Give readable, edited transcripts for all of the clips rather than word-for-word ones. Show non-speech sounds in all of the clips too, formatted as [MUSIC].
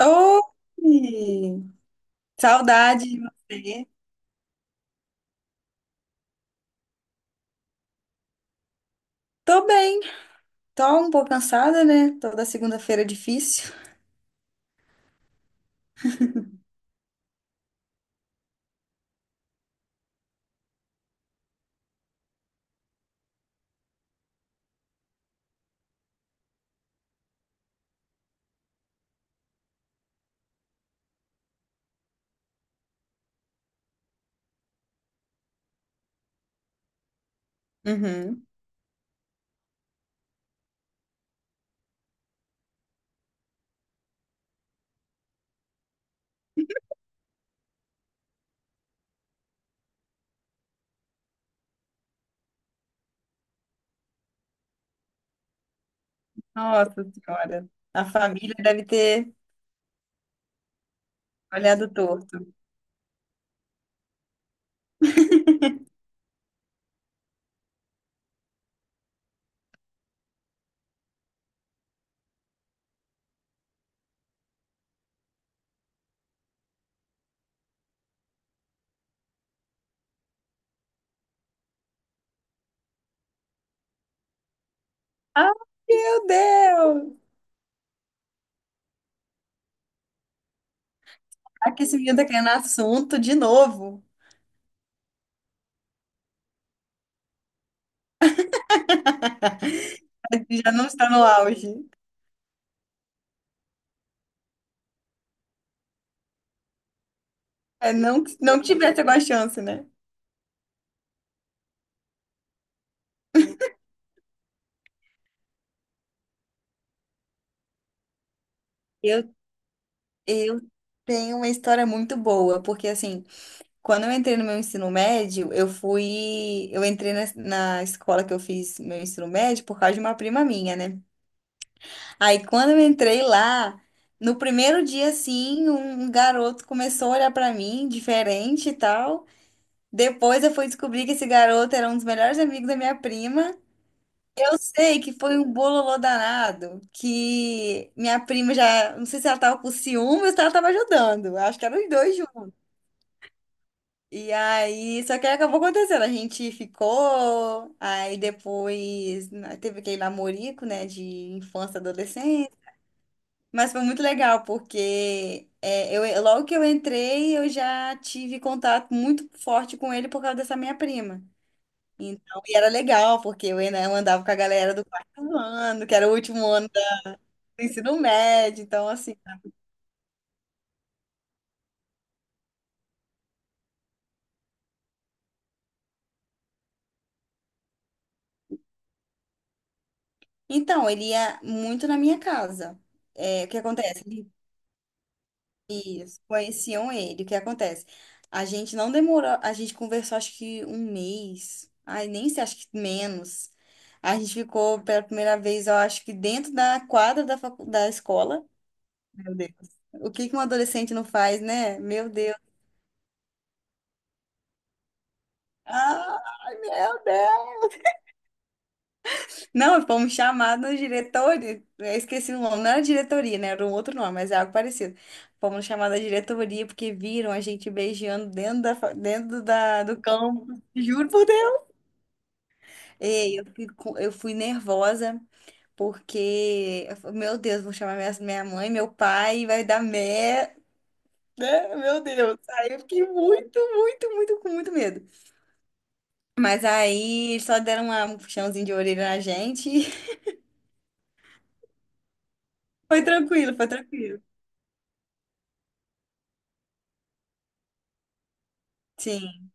Oi! Saudade de você. Tô bem, tô um pouco cansada, né? Toda segunda-feira é difícil. Uhum. Nossa Senhora, a família deve ter olhado torto. Ah, meu Deus! Aqui esse menino tá querendo assunto de novo. Parece que já não está no auge. É, não, não tivesse alguma chance, né? Eu, eu tenho uma história muito boa, porque assim, quando eu entrei no meu ensino médio, eu fui. Eu entrei na escola que eu fiz meu ensino médio por causa de uma prima minha, né? Aí quando eu entrei lá, no primeiro dia, assim, um garoto começou a olhar pra mim, diferente e tal. Depois eu fui descobrir que esse garoto era um dos melhores amigos da minha prima. Eu sei que foi um bololô danado, que minha prima já, não sei se ela tava com ciúme ou se ela tava ajudando. Acho que eram os dois. E aí, só que aí acabou acontecendo. A gente ficou, aí depois né, teve aquele namorico, né, de infância, adolescência. Mas foi muito legal, porque é, eu, logo que eu entrei, eu já tive contato muito forte com ele por causa dessa minha prima. Então, e era legal, porque eu, eu andava com a galera do quarto ano, que era o último ano do ensino médio. Então, assim. Então, ele ia muito na minha casa. É, o que acontece? Isso, conheciam ele. O que acontece? A gente não demorou, a gente conversou acho que um mês. Ai, nem sei, acho que menos. A gente ficou pela primeira vez, eu acho que dentro da quadra da escola. Meu Deus. O que que um adolescente não faz, né? Meu Deus. Ai, meu Deus. Não, fomos chamados diretoria. Eu esqueci o nome, não era diretoria, né? Era um outro nome, mas é algo parecido. Fomos chamados da diretoria porque viram a gente beijando dentro da, do campo. Juro por Deus. E eu fui nervosa porque, eu falei, meu Deus, vou chamar minha mãe, meu pai, vai dar merda. Meu Deus. Aí eu fiquei muito, muito, muito, com muito medo. Mas aí eles só deram um puxãozinho de orelha na gente. [LAUGHS] Foi tranquilo, foi tranquilo. Sim.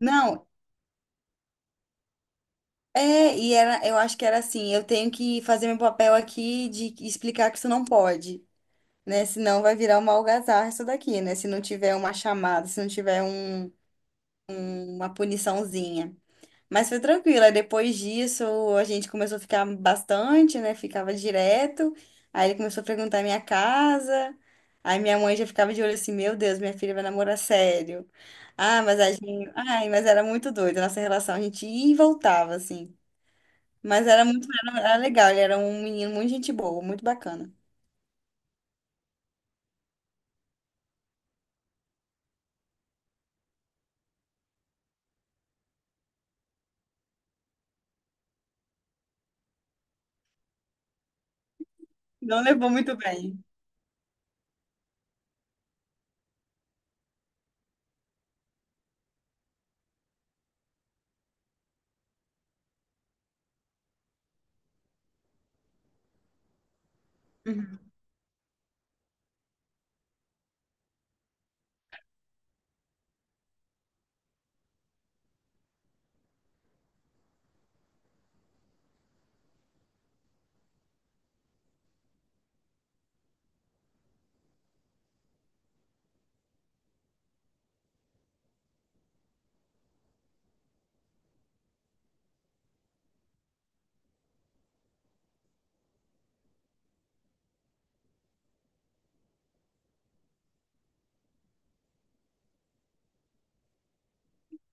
Não, é, e era, eu acho que era assim, eu tenho que fazer meu papel aqui de explicar que isso não pode, né? Senão vai virar uma algazarra isso daqui, né? Se não tiver uma chamada, se não tiver uma puniçãozinha. Mas foi tranquilo, aí depois disso a gente começou a ficar bastante, né? Ficava direto. Aí ele começou a perguntar a minha casa. Aí minha mãe já ficava de olho assim, meu Deus, minha filha vai namorar sério. Ah, mas a gente, ai, mas era muito doido a nossa relação, a gente ia e voltava assim. Mas era muito, era, era legal, ele era um menino muito gente boa, muito bacana. Não levou muito bem.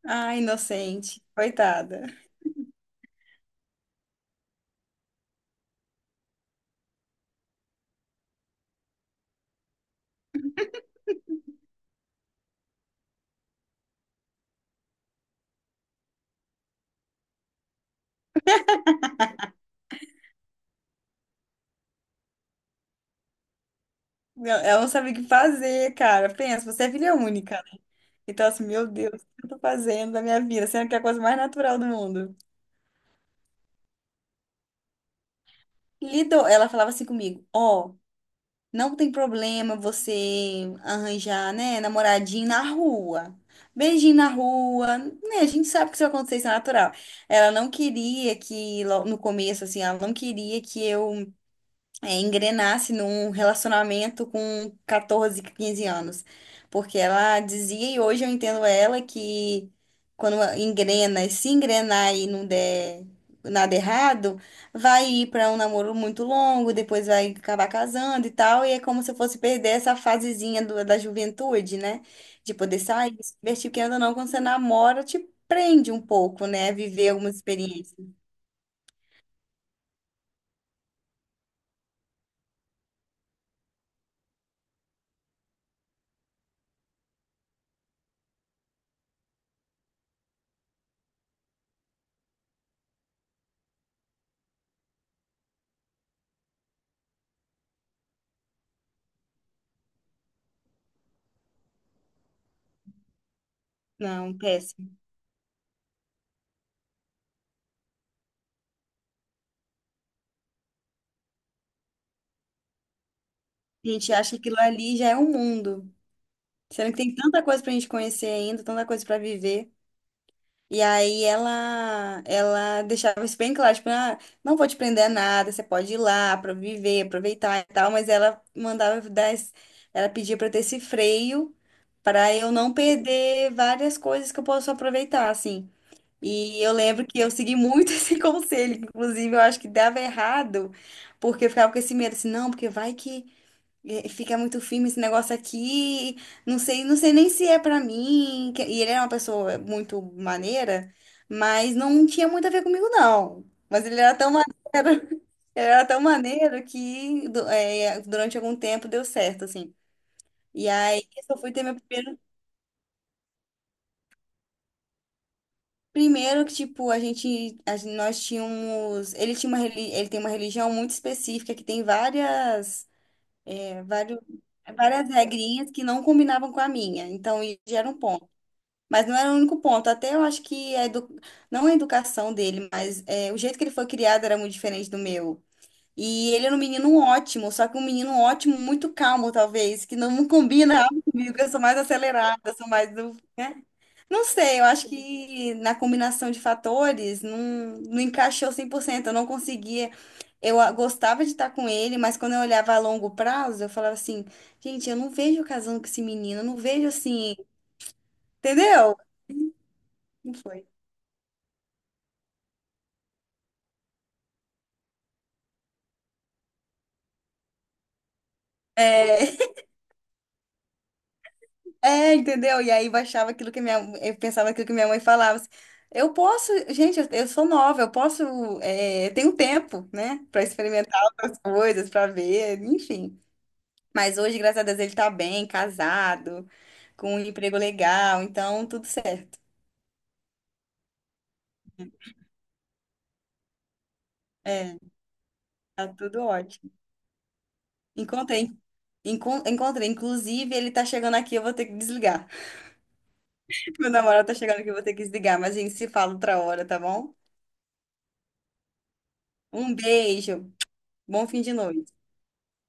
Ah, inocente, coitada. Não, ela não sabia o que fazer, cara. Pensa, você é filha única, né? Então, assim, meu Deus, o que eu tô fazendo da minha vida? Sendo que é a coisa mais natural do mundo. Lido, ela falava assim comigo, ó. Não tem problema você arranjar, né, namoradinho na rua. Beijinho na rua, né? A gente sabe que isso vai acontecer, isso é natural. Ela não queria que, no começo, assim, ela não queria que eu engrenasse num relacionamento com 14, 15 anos. Porque ela dizia, e hoje eu entendo ela, que quando engrena, e se engrenar e não der nada errado, vai ir para um namoro muito longo, depois vai acabar casando e tal, e é como se eu fosse perder essa fasezinha da juventude, né? De poder sair, se divertir, porque ainda não, quando você namora, te prende um pouco, né? Viver algumas experiências. Não, péssimo. A gente acha que aquilo ali já é um mundo. Sendo que tem tanta coisa pra gente conhecer ainda, tanta coisa pra viver. E aí ela deixava isso bem claro, tipo, ah, não vou te prender a nada, você pode ir lá para viver, aproveitar e tal, mas ela mandava eu dar, ela pedia para ter esse freio para eu não perder várias coisas que eu posso aproveitar, assim. E eu lembro que eu segui muito [LAUGHS] esse conselho, inclusive eu acho que dava errado, porque eu ficava com esse medo, assim, não, porque vai que e fica muito firme esse negócio aqui. Não sei, não sei nem se é pra mim. E ele era uma pessoa muito maneira, mas não tinha muito a ver comigo, não. Mas ele era tão maneiro, [LAUGHS] ele era tão maneiro que é, durante algum tempo deu certo, assim. E aí eu só fui ter meu primeiro. Primeiro que, tipo, a gente, nós tínhamos. Ele tinha uma, ele tem uma religião muito específica que tem várias, vários, várias regrinhas que não combinavam com a minha. Então, isso já era um ponto. Mas não era o único ponto. Até eu acho que a edu... não a educação dele, mas é, o jeito que ele foi criado era muito diferente do meu. E ele era um menino ótimo, só que um menino ótimo, muito calmo, talvez, que não [LAUGHS] combina algo comigo. Eu sou mais acelerada, eu sou mais do. Né? Não sei, eu acho que na combinação de fatores não, não encaixou 100%. Eu não conseguia. Eu ah, gostava de estar com ele, mas quando eu olhava a longo prazo, eu falava assim: gente, eu não vejo eu casando com esse menino, eu não vejo assim. Entendeu? Não foi. É, [LAUGHS] é, entendeu? E aí baixava aquilo que minha, eu pensava aquilo que minha mãe falava. Assim, eu posso, gente, eu sou nova, eu posso, eu tenho tempo, né, pra experimentar outras coisas, pra ver, enfim. Mas hoje, graças a Deus, ele tá bem, casado, com um emprego legal, então tudo certo. É, tá tudo ótimo. Encontrei, encontrei. Inclusive, ele tá chegando aqui, eu vou ter que desligar. [LAUGHS] Meu namorado tá chegando aqui, eu vou ter que desligar, mas a gente se fala outra hora, tá bom? Um beijo, bom fim de noite.